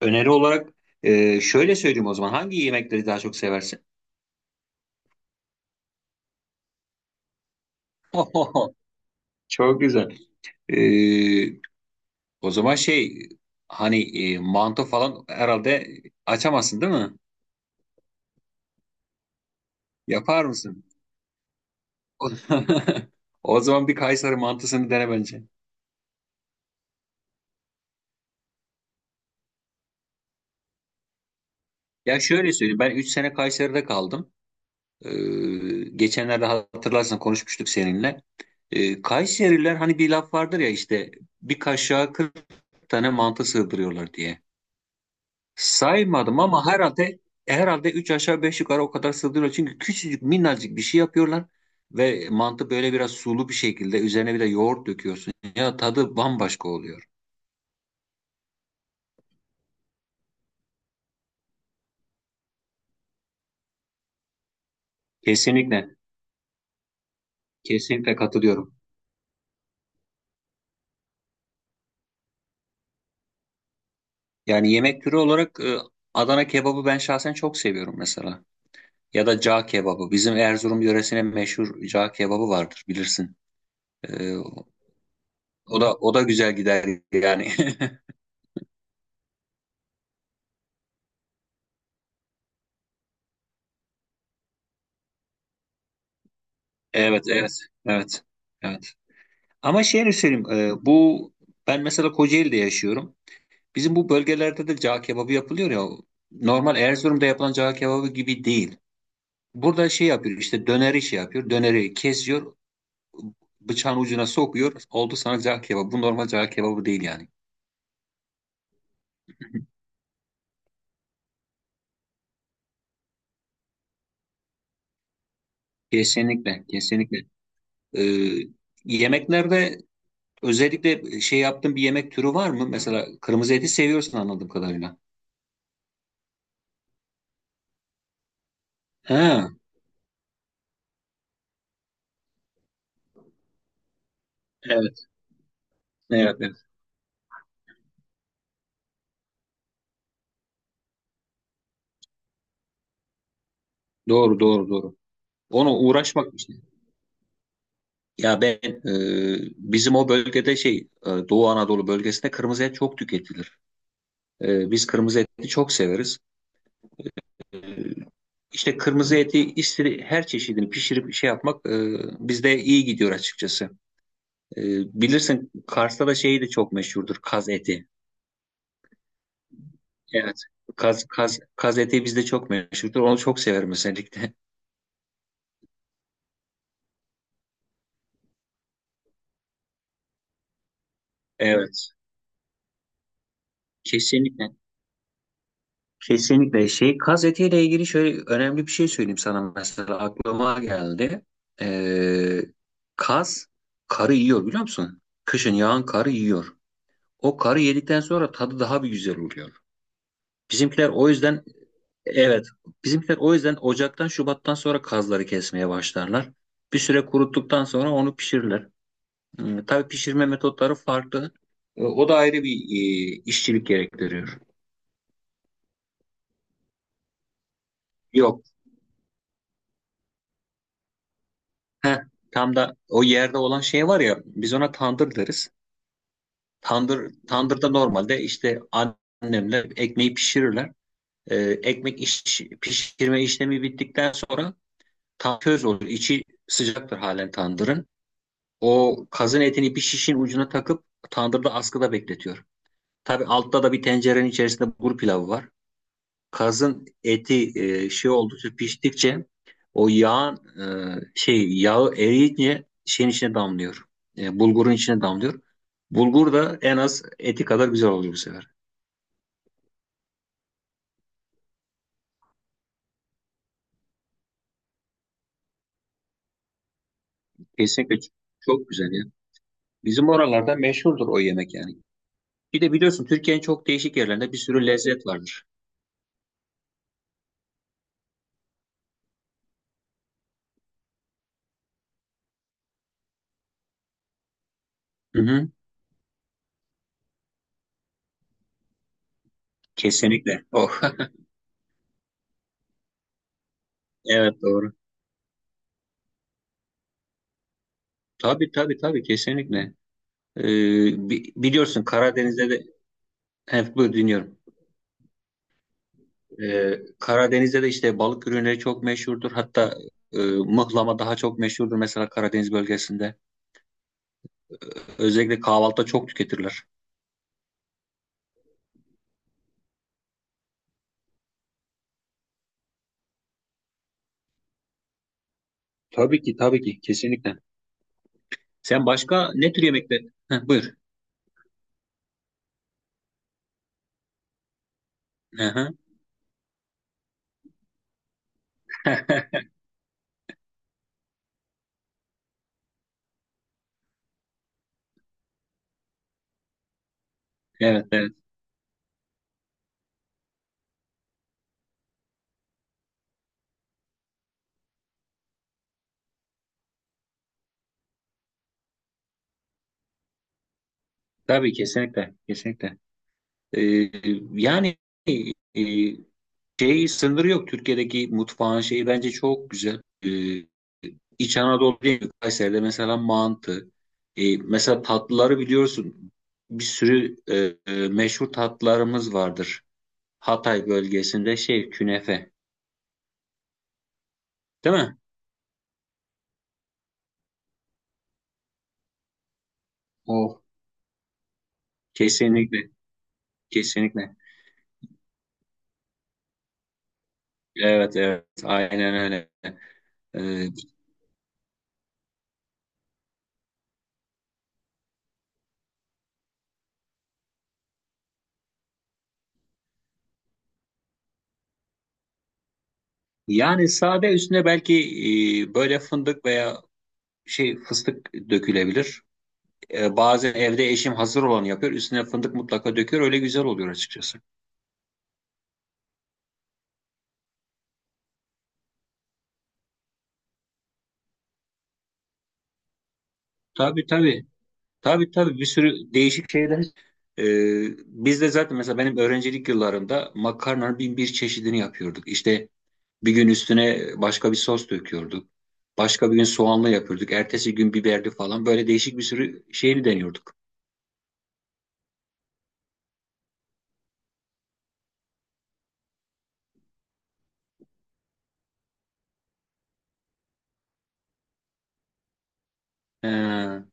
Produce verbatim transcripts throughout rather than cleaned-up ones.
Öneri olarak e, şöyle söyleyeyim o zaman. Hangi yemekleri daha çok seversin? Çok güzel. E, o zaman şey hani e, Mantı falan herhalde açamazsın değil mi? Yapar mısın? O o zaman bir Kayseri mantısını dene bence. Ya şöyle söyleyeyim. Ben üç sene Kayseri'de kaldım. E, Geçenlerde hatırlarsan konuşmuştuk seninle. E, Kayseriler hani bir laf vardır ya, işte bir kaşığa kırk tane mantı sığdırıyorlar diye. Saymadım ama herhalde herhalde üç aşağı beş yukarı o kadar sığdırıyor. Çünkü küçücük minnacık bir şey yapıyorlar ve mantı böyle biraz sulu bir şekilde, üzerine bir de yoğurt döküyorsun. Ya tadı bambaşka oluyor. Kesinlikle. Kesinlikle katılıyorum. Yani yemek türü olarak e, Adana kebabı ben şahsen çok seviyorum mesela. Ya da cağ kebabı. Bizim Erzurum yöresine meşhur cağ kebabı vardır bilirsin. E, o da o da güzel gider yani. Evet, evet, evet. Evet. Ama şeyini söyleyeyim. E, bu Ben mesela Kocaeli'de yaşıyorum. Bizim bu bölgelerde de cağ kebabı yapılıyor ya. Normal Erzurum'da yapılan cağ kebabı gibi değil. Burada şey yapıyor, işte döneri şey yapıyor. Döneri kesiyor. Bıçağın ucuna sokuyor. Oldu sana cağ kebabı. Bu normal cağ kebabı değil yani. Kesinlikle. Kesinlikle. E, Yemeklerde özellikle şey yaptığın bir yemek türü var mı? Mesela kırmızı eti seviyorsun anladığım kadarıyla. Ha, evet. Evet, evet. Doğru, doğru, doğru. Ona uğraşmak. Ya ben, e, bizim o bölgede şey, e, Doğu Anadolu bölgesinde kırmızı et çok tüketilir. E, biz kırmızı eti çok severiz. E, işte kırmızı eti istedi- her çeşidini pişirip şey yapmak, e, bizde iyi gidiyor açıkçası. E, Bilirsin Kars'ta da şey de çok meşhurdur, kaz eti. Evet. Kaz kaz kaz eti bizde çok meşhurdur. Onu çok severim özellikle. Evet. Kesinlikle. Kesinlikle şey, kaz etiyle ilgili şöyle önemli bir şey söyleyeyim sana, mesela aklıma geldi. Ee, Kaz karı yiyor, biliyor musun? Kışın yağan karı yiyor. O karı yedikten sonra tadı daha bir güzel oluyor. Bizimkiler o yüzden, evet, bizimkiler o yüzden Ocak'tan Şubat'tan sonra kazları kesmeye başlarlar. Bir süre kuruttuktan sonra onu pişirirler. Hmm, tabii pişirme metotları farklı. E, O da ayrı bir e, işçilik gerektiriyor. Yok. Heh, tam da o yerde olan şey var ya, biz ona tandır deriz. Tandır, tandırda normalde işte annemler ekmeği pişirirler. Ee, ekmek iş, Pişirme işlemi bittikten sonra tam köz olur. İçi sıcaktır halen tandırın. O kazın etini bir şişin ucuna takıp tandırda askıda bekletiyor. Tabii altta da bir tencerenin içerisinde bulgur pilavı var. Kazın eti e, şey oldukça piştikçe o yağ, e, şey yağı eriyince şeyin içine damlıyor. E, bulgurun içine damlıyor. Bulgur da en az eti kadar güzel oluyor bu sefer. Kesinlikle ç- çok güzel ya. Bizim oralarda meşhurdur o yemek yani. Bir de biliyorsun Türkiye'nin çok değişik yerlerinde bir sürü lezzet vardır. Hı hı, kesinlikle. Oh. Evet, doğru. Tabii, tabii, tabii, kesinlikle. E, bi- Biliyorsun Karadeniz'de de, hep buyur dinliyorum. Ee, Karadeniz'de de işte balık ürünleri çok meşhurdur. Hatta e, mıhlama daha çok meşhurdur mesela Karadeniz bölgesinde. Özellikle kahvaltıda çok tüketirler. Tabii ki, tabii ki, kesinlikle. Sen başka ne tür yemekler? Heh, buyur. Hı hı. Evet, evet. Tabii, kesinlikle, kesinlikle. Ee, yani e, Şey sınırı yok, Türkiye'deki mutfağın şeyi bence çok güzel. Ee, İç Anadolu değil mi? Kayseri'de mesela mantı. Ee, mesela tatlıları biliyorsun. Bir sürü e, e, meşhur tatlılarımız vardır. Hatay bölgesinde şey, künefe. Değil mi? Oh. Kesinlikle. Kesinlikle. Evet, evet. Aynen öyle. Ee, Yani sade, üstüne belki e, böyle fındık veya şey, fıstık dökülebilir. E, bazen evde eşim hazır olanı yapıyor. Üstüne fındık mutlaka döküyor. Öyle güzel oluyor açıkçası. Tabii, tabii. Tabii, tabii, bir sürü değişik şeyler. E, Biz de zaten mesela benim öğrencilik yıllarımda makarnanın bin bir çeşidini yapıyorduk. İşte bir gün üstüne başka bir sos döküyorduk. Başka bir gün soğanlı yapıyorduk. Ertesi gün biberli falan. Böyle değişik bir sürü şeyini deniyorduk. E,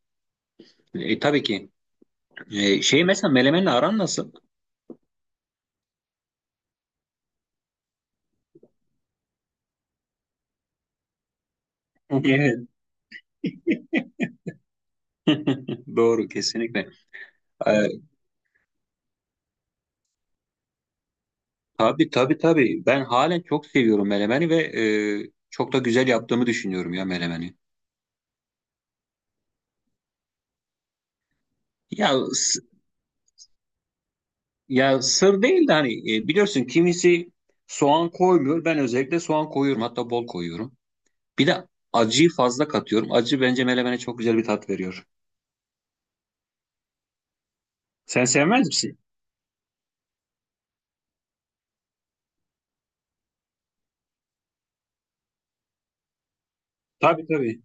e, tabii ki. E, şey, mesela melemenle aran nasıl? Evet. Doğru, kesinlikle. Ee, Tabii, tabii, tabii. Ben halen çok seviyorum melemeni ve e, çok da güzel yaptığımı düşünüyorum ya melemeni. Ya s- Ya sır değil de hani, e, biliyorsun kimisi soğan koymuyor. Ben özellikle soğan koyuyorum. Hatta bol koyuyorum. Bir de acıyı fazla katıyorum. Acı bence melemene çok güzel bir tat veriyor. Sen sevmez misin? Tabii, tabii.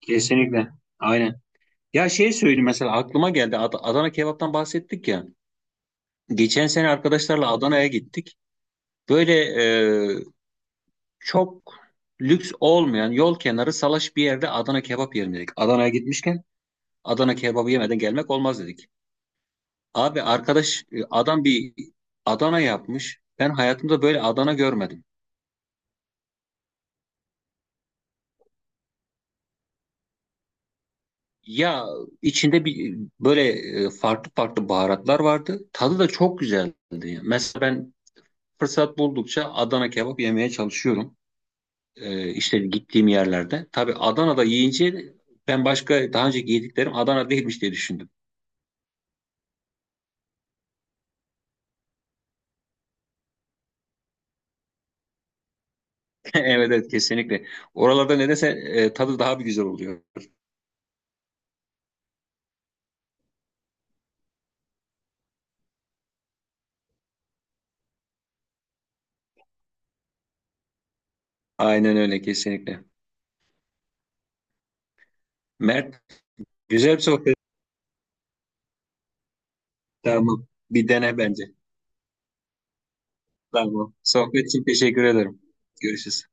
Kesinlikle. Aynen. Ya şey söyleyeyim, mesela aklıma geldi. Ad- Adana kebaptan bahsettik ya. Geçen sene arkadaşlarla Adana'ya gittik. Böyle çok lüks olmayan, yol kenarı salaş bir yerde Adana kebap yiyelim dedik. Adana'ya gitmişken Adana kebabı yemeden gelmek olmaz dedik. Abi arkadaş, e, adam bir Adana yapmış. Ben hayatımda böyle Adana görmedim. Ya içinde bir böyle e, farklı farklı baharatlar vardı. Tadı da çok güzeldi. Mesela ben fırsat buldukça Adana kebap yemeye çalışıyorum. E, işte gittiğim yerlerde. Tabii Adana'da yiyince ben başka daha önce yediklerim Adana değilmiş diye düşündüm. Evet, evet, kesinlikle. Oralarda nedense e, tadı daha bir güzel oluyor. Aynen öyle, kesinlikle. Mert, güzel bir sohbet. Tamam. Bir dene bence. Tamam. Sohbet için teşekkür ederim. Görüşürüz.